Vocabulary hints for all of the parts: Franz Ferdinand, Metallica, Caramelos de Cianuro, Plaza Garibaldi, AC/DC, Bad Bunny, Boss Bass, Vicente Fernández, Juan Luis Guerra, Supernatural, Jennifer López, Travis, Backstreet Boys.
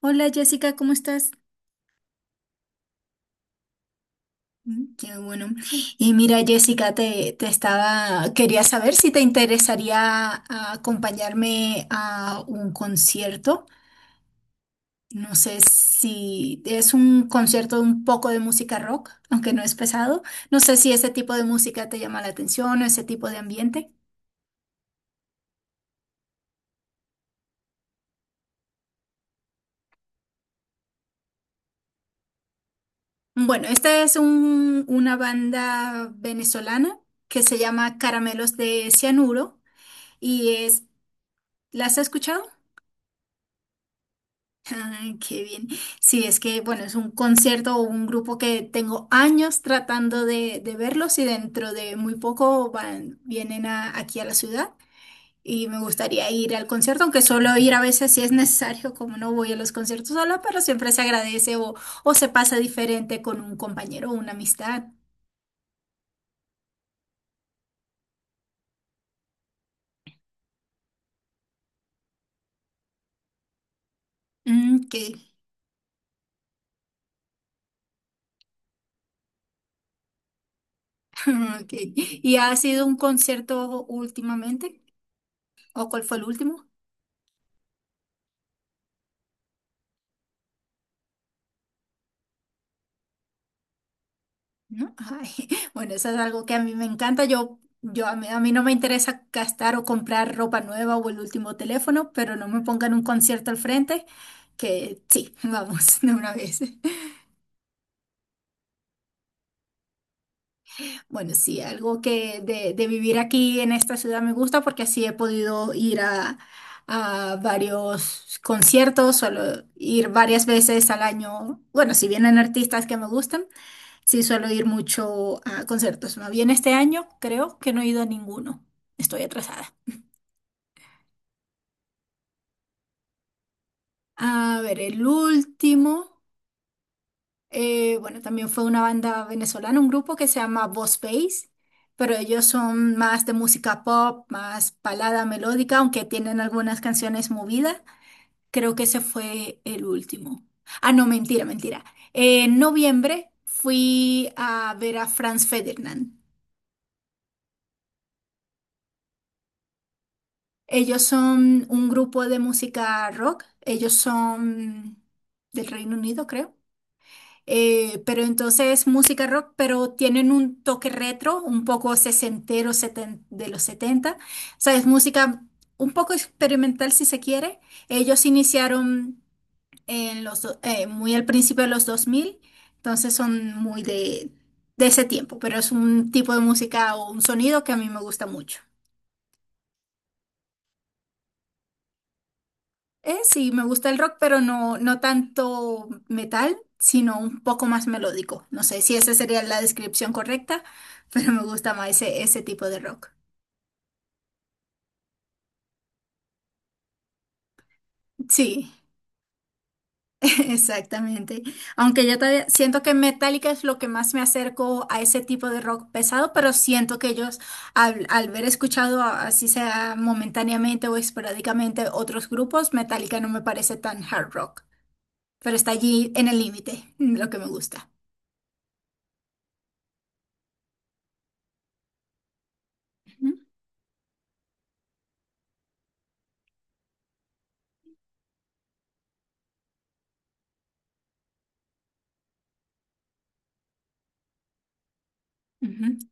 Hola Jessica, ¿cómo estás? Mm, qué bueno. Y mira Jessica, te quería saber si te interesaría acompañarme a un concierto. No sé si es un concierto de un poco de música rock, aunque no es pesado. No sé si ese tipo de música te llama la atención o ese tipo de ambiente. Bueno, esta es una banda venezolana que se llama Caramelos de Cianuro y es, ¿las has escuchado? Ay, qué bien. Sí, es que, bueno, es un concierto o un grupo que tengo años tratando de verlos y dentro de muy poco vienen aquí a la ciudad y me gustaría ir al concierto, aunque solo ir a veces si es necesario, como no voy a los conciertos sola, pero siempre se agradece o se pasa diferente con un compañero o una amistad. Mm, ok. Ok. ¿Y ha sido un concierto últimamente? ¿O cuál fue el último? ¿No? Ay, bueno, eso es algo que a mí me encanta. Yo a mí no me interesa gastar o comprar ropa nueva o el último teléfono, pero no me pongan un concierto al frente, que sí, vamos de una vez. Bueno, sí, algo que de vivir aquí en esta ciudad me gusta porque así he podido ir a varios conciertos, solo ir varias veces al año. Bueno, si vienen artistas que me gustan, sí, suelo ir mucho a conciertos. Más bien este año creo que no he ido a ninguno. Estoy atrasada. A ver, el último, bueno, también fue una banda venezolana, un grupo que se llama Boss Bass, pero ellos son más de música pop, más balada melódica, aunque tienen algunas canciones movidas. Creo que ese fue el último. Ah, no, mentira, mentira. En noviembre fui a ver a Franz Ferdinand. Ellos son un grupo de música rock. Ellos son del Reino Unido, creo. Pero entonces música rock, pero tienen un toque retro, un poco sesentero, de los 70. O sea, es música un poco experimental si se quiere. Ellos iniciaron muy al principio de los 2000. Entonces son muy de ese tiempo, pero es un tipo de música o un sonido que a mí me gusta mucho. Sí, me gusta el rock, pero no, no tanto metal, sino un poco más melódico. No sé si esa sería la descripción correcta, pero me gusta más ese tipo de rock. Sí, exactamente. Aunque yo todavía siento que Metallica es lo que más me acerco a ese tipo de rock pesado, pero siento que ellos, al haber escuchado, así sea momentáneamente o esporádicamente, otros grupos, Metallica no me parece tan hard rock, pero está allí en el límite, lo que me gusta. Ujú, ujú.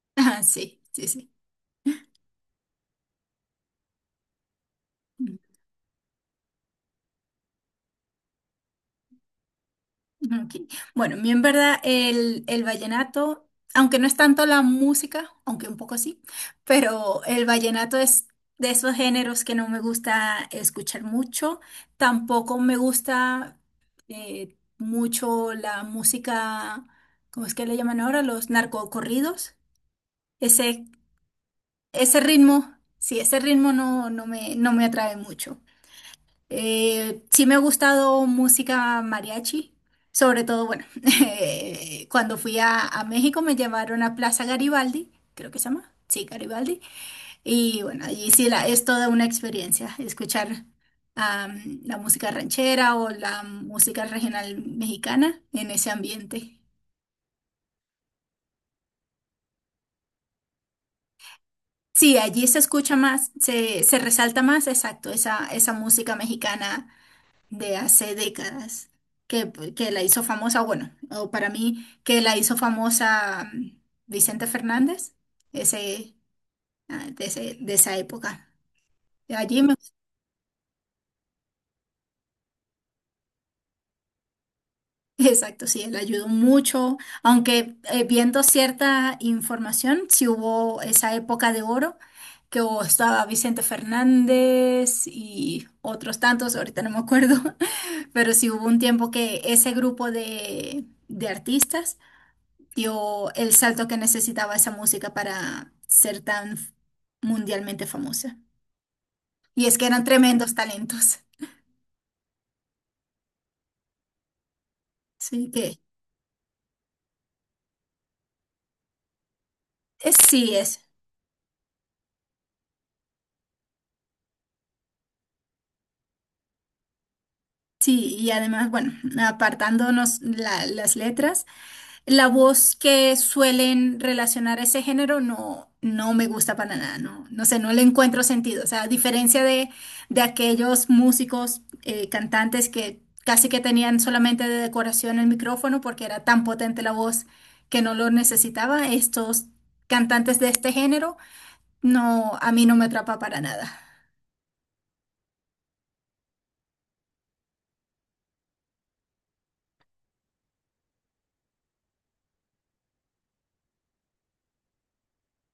Ah, sí, sí, sí. Mm, ok. Bueno, a mí en verdad el vallenato, aunque no es tanto la música, aunque un poco sí, pero el vallenato es de esos géneros que no me gusta escuchar mucho. Tampoco me gusta mucho la música, ¿cómo es que le llaman ahora? Los narcocorridos. Ese, ese ritmo, sí, ese ritmo no, no me atrae mucho. Sí me ha gustado música mariachi, sobre todo, bueno, cuando fui a México me llevaron a Plaza Garibaldi, creo que se llama, sí, Garibaldi, y bueno, allí sí es toda una experiencia escuchar la música ranchera o la música regional mexicana en ese ambiente. Sí, allí se escucha más, se resalta más, exacto, esa música mexicana de hace décadas, que la hizo famosa, bueno, o para mí, que la hizo famosa, Vicente Fernández, ese, ah, de, ese- de esa época. Allí me, exacto, sí, él ayudó mucho, aunque viendo cierta información, si hubo esa época de oro, estaba Vicente Fernández y otros tantos, ahorita no me acuerdo, pero sí hubo un tiempo que ese grupo de artistas dio el salto que necesitaba esa música para ser tan mundialmente famosa. Y es que eran tremendos talentos. Sí, sí es. Sí, y además, bueno, apartándonos las letras. La voz que suelen relacionar a ese género no, no me gusta para nada, no, no sé, no le encuentro sentido. O sea, a diferencia de aquellos músicos, cantantes que casi que tenían solamente de decoración el micrófono porque era tan potente la voz que no lo necesitaba, estos cantantes de este género, no, a mí no me atrapa para nada.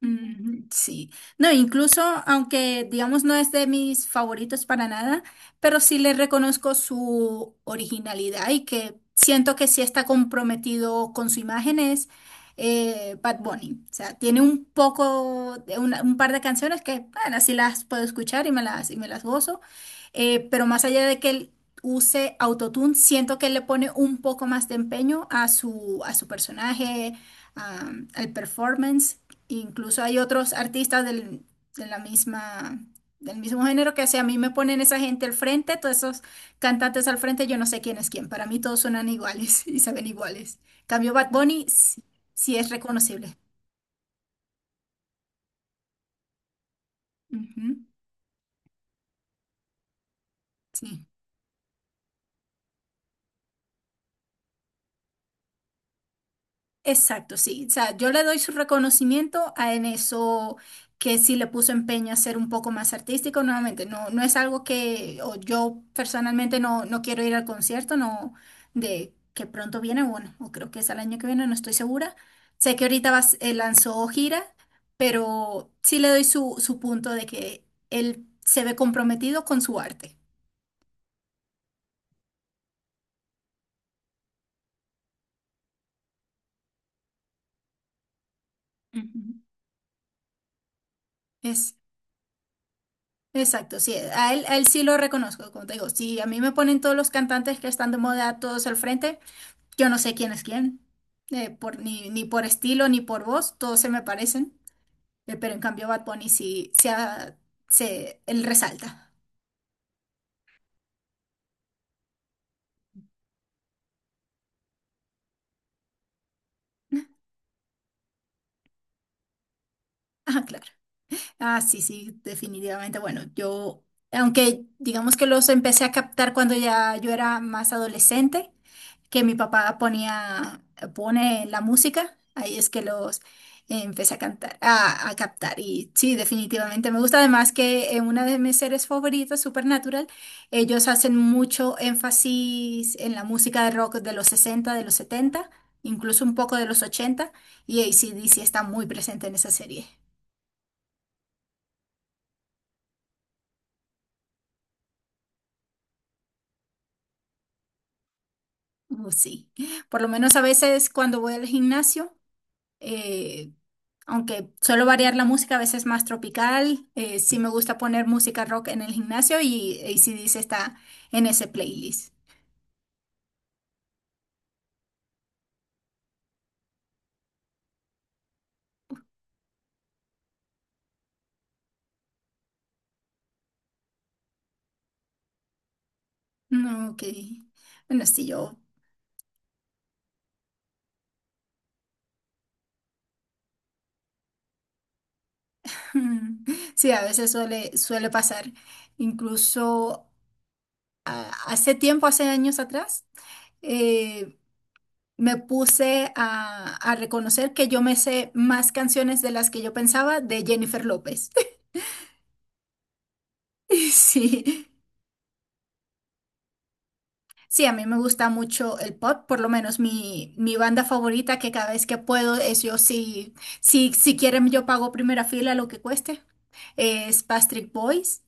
Mm, sí, no, incluso aunque digamos no es de mis favoritos para nada, pero sí le reconozco su originalidad y que siento que sí está comprometido con su imagen es Bad Bunny. O sea, tiene un poco, un par de canciones que, bueno, sí las puedo escuchar y y me las gozo, pero más allá de que él use autotune, siento que él le pone un poco más de empeño a su personaje, al performance. Incluso hay otros artistas del, de la misma, del mismo género que si a mí me ponen esa gente al frente, todos esos cantantes al frente, yo no sé quién es quién. Para mí todos suenan iguales y se ven iguales. Cambio Bad Bunny, sí, sí es reconocible. Ujú, sí. Exacto, sí. O sea, yo le doy su reconocimiento a en eso que sí le puso empeño a ser un poco más artístico. Nuevamente, no, no es algo que o yo personalmente no, no quiero ir al concierto, no, de que pronto viene, bueno, o creo que es el año que viene, no estoy segura. Sé que ahorita lanzó gira, pero sí le doy su punto de que él se ve comprometido con su arte. Ujú. Es, Exacto, sí, a él sí lo reconozco, como te digo, si a mí me ponen todos los cantantes que están de moda todos al frente, yo no sé quién es quién, ni por estilo ni por voz, todos se me parecen, pero en cambio Bad Bunny sí, sí, él resalta. Ah, claro. Ah, sí, sí, definitivamente. Bueno, yo, aunque digamos que los empecé a captar cuando ya yo era más adolescente, que mi papá pone la música, ahí es que los empecé a cantar, a captar. Y sí, definitivamente me gusta. Además que en una de mis series favoritas, Supernatural, ellos hacen mucho énfasis en la música de rock de los 60, de los 70, incluso un poco de los 80, y AC/DC está muy presente en esa serie. Oh, sí, por lo menos a veces cuando voy al gimnasio, eh, aunque suelo variar la música, a veces más tropical, sí me gusta poner música rock en el gimnasio y AC/DC está en ese playlist. No, ok. Bueno, sí, yo. Sí, a veces suele pasar. Incluso hace tiempo, hace años atrás, eh, me puse a reconocer que yo me sé más canciones de las que yo pensaba de Jennifer López. Sí, sí, a mí me gusta mucho el pop, por lo menos mi banda favorita que cada vez que puedo es yo, si, si, si quieren yo pago primera fila lo que cueste, es Backstreet Boys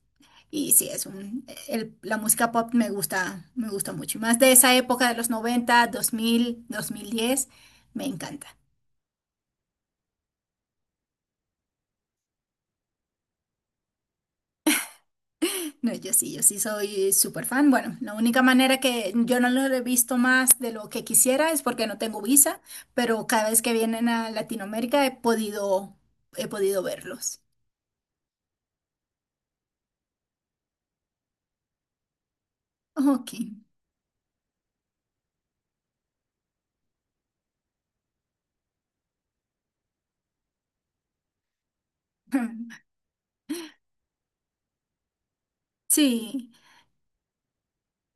y sí, es la música pop me gusta mucho, y más de esa época de los noventa, dos mil, dos mil diez me encanta. No, yo sí, yo sí soy súper fan. Bueno, la única manera que yo no lo he visto más de lo que quisiera es porque no tengo visa, pero cada vez que vienen a Latinoamérica he podido verlos. Ok. Sí,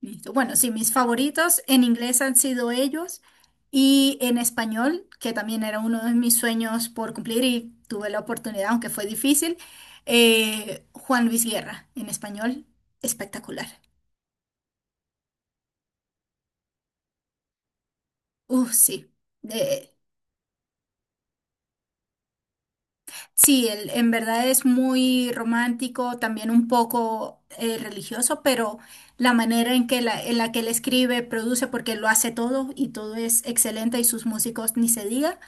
listo. Bueno, sí, mis favoritos en inglés han sido ellos y en español, que también era uno de mis sueños por cumplir y tuve la oportunidad, aunque fue difícil, Juan Luis Guerra en español, espectacular. Sí. Eh, Sí, él en verdad es muy romántico, también un poco religioso, pero la manera en que en la que él escribe, produce, porque él lo hace todo y todo es excelente y sus músicos ni se diga.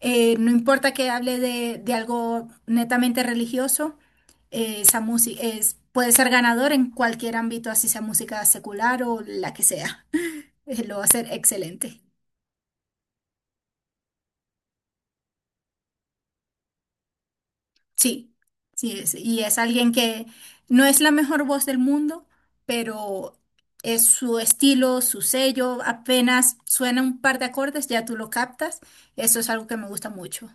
No importa que hable de algo netamente religioso, esa música puede ser ganador en cualquier ámbito, así sea música secular o la que sea. Lo va a hacer excelente. Sí, sí, y es alguien que no es la mejor voz del mundo, pero es su estilo, su sello, apenas suena un par de acordes, ya tú lo captas. Eso es algo que me gusta mucho.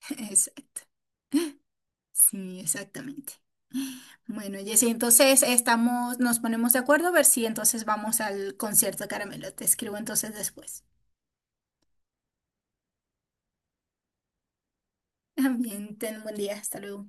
Exacto. Sí, exactamente. Bueno, Jessy, entonces nos ponemos de acuerdo a ver si entonces vamos al concierto de Caramelo. Te escribo entonces después. Bien, ten un buen día. Hasta luego.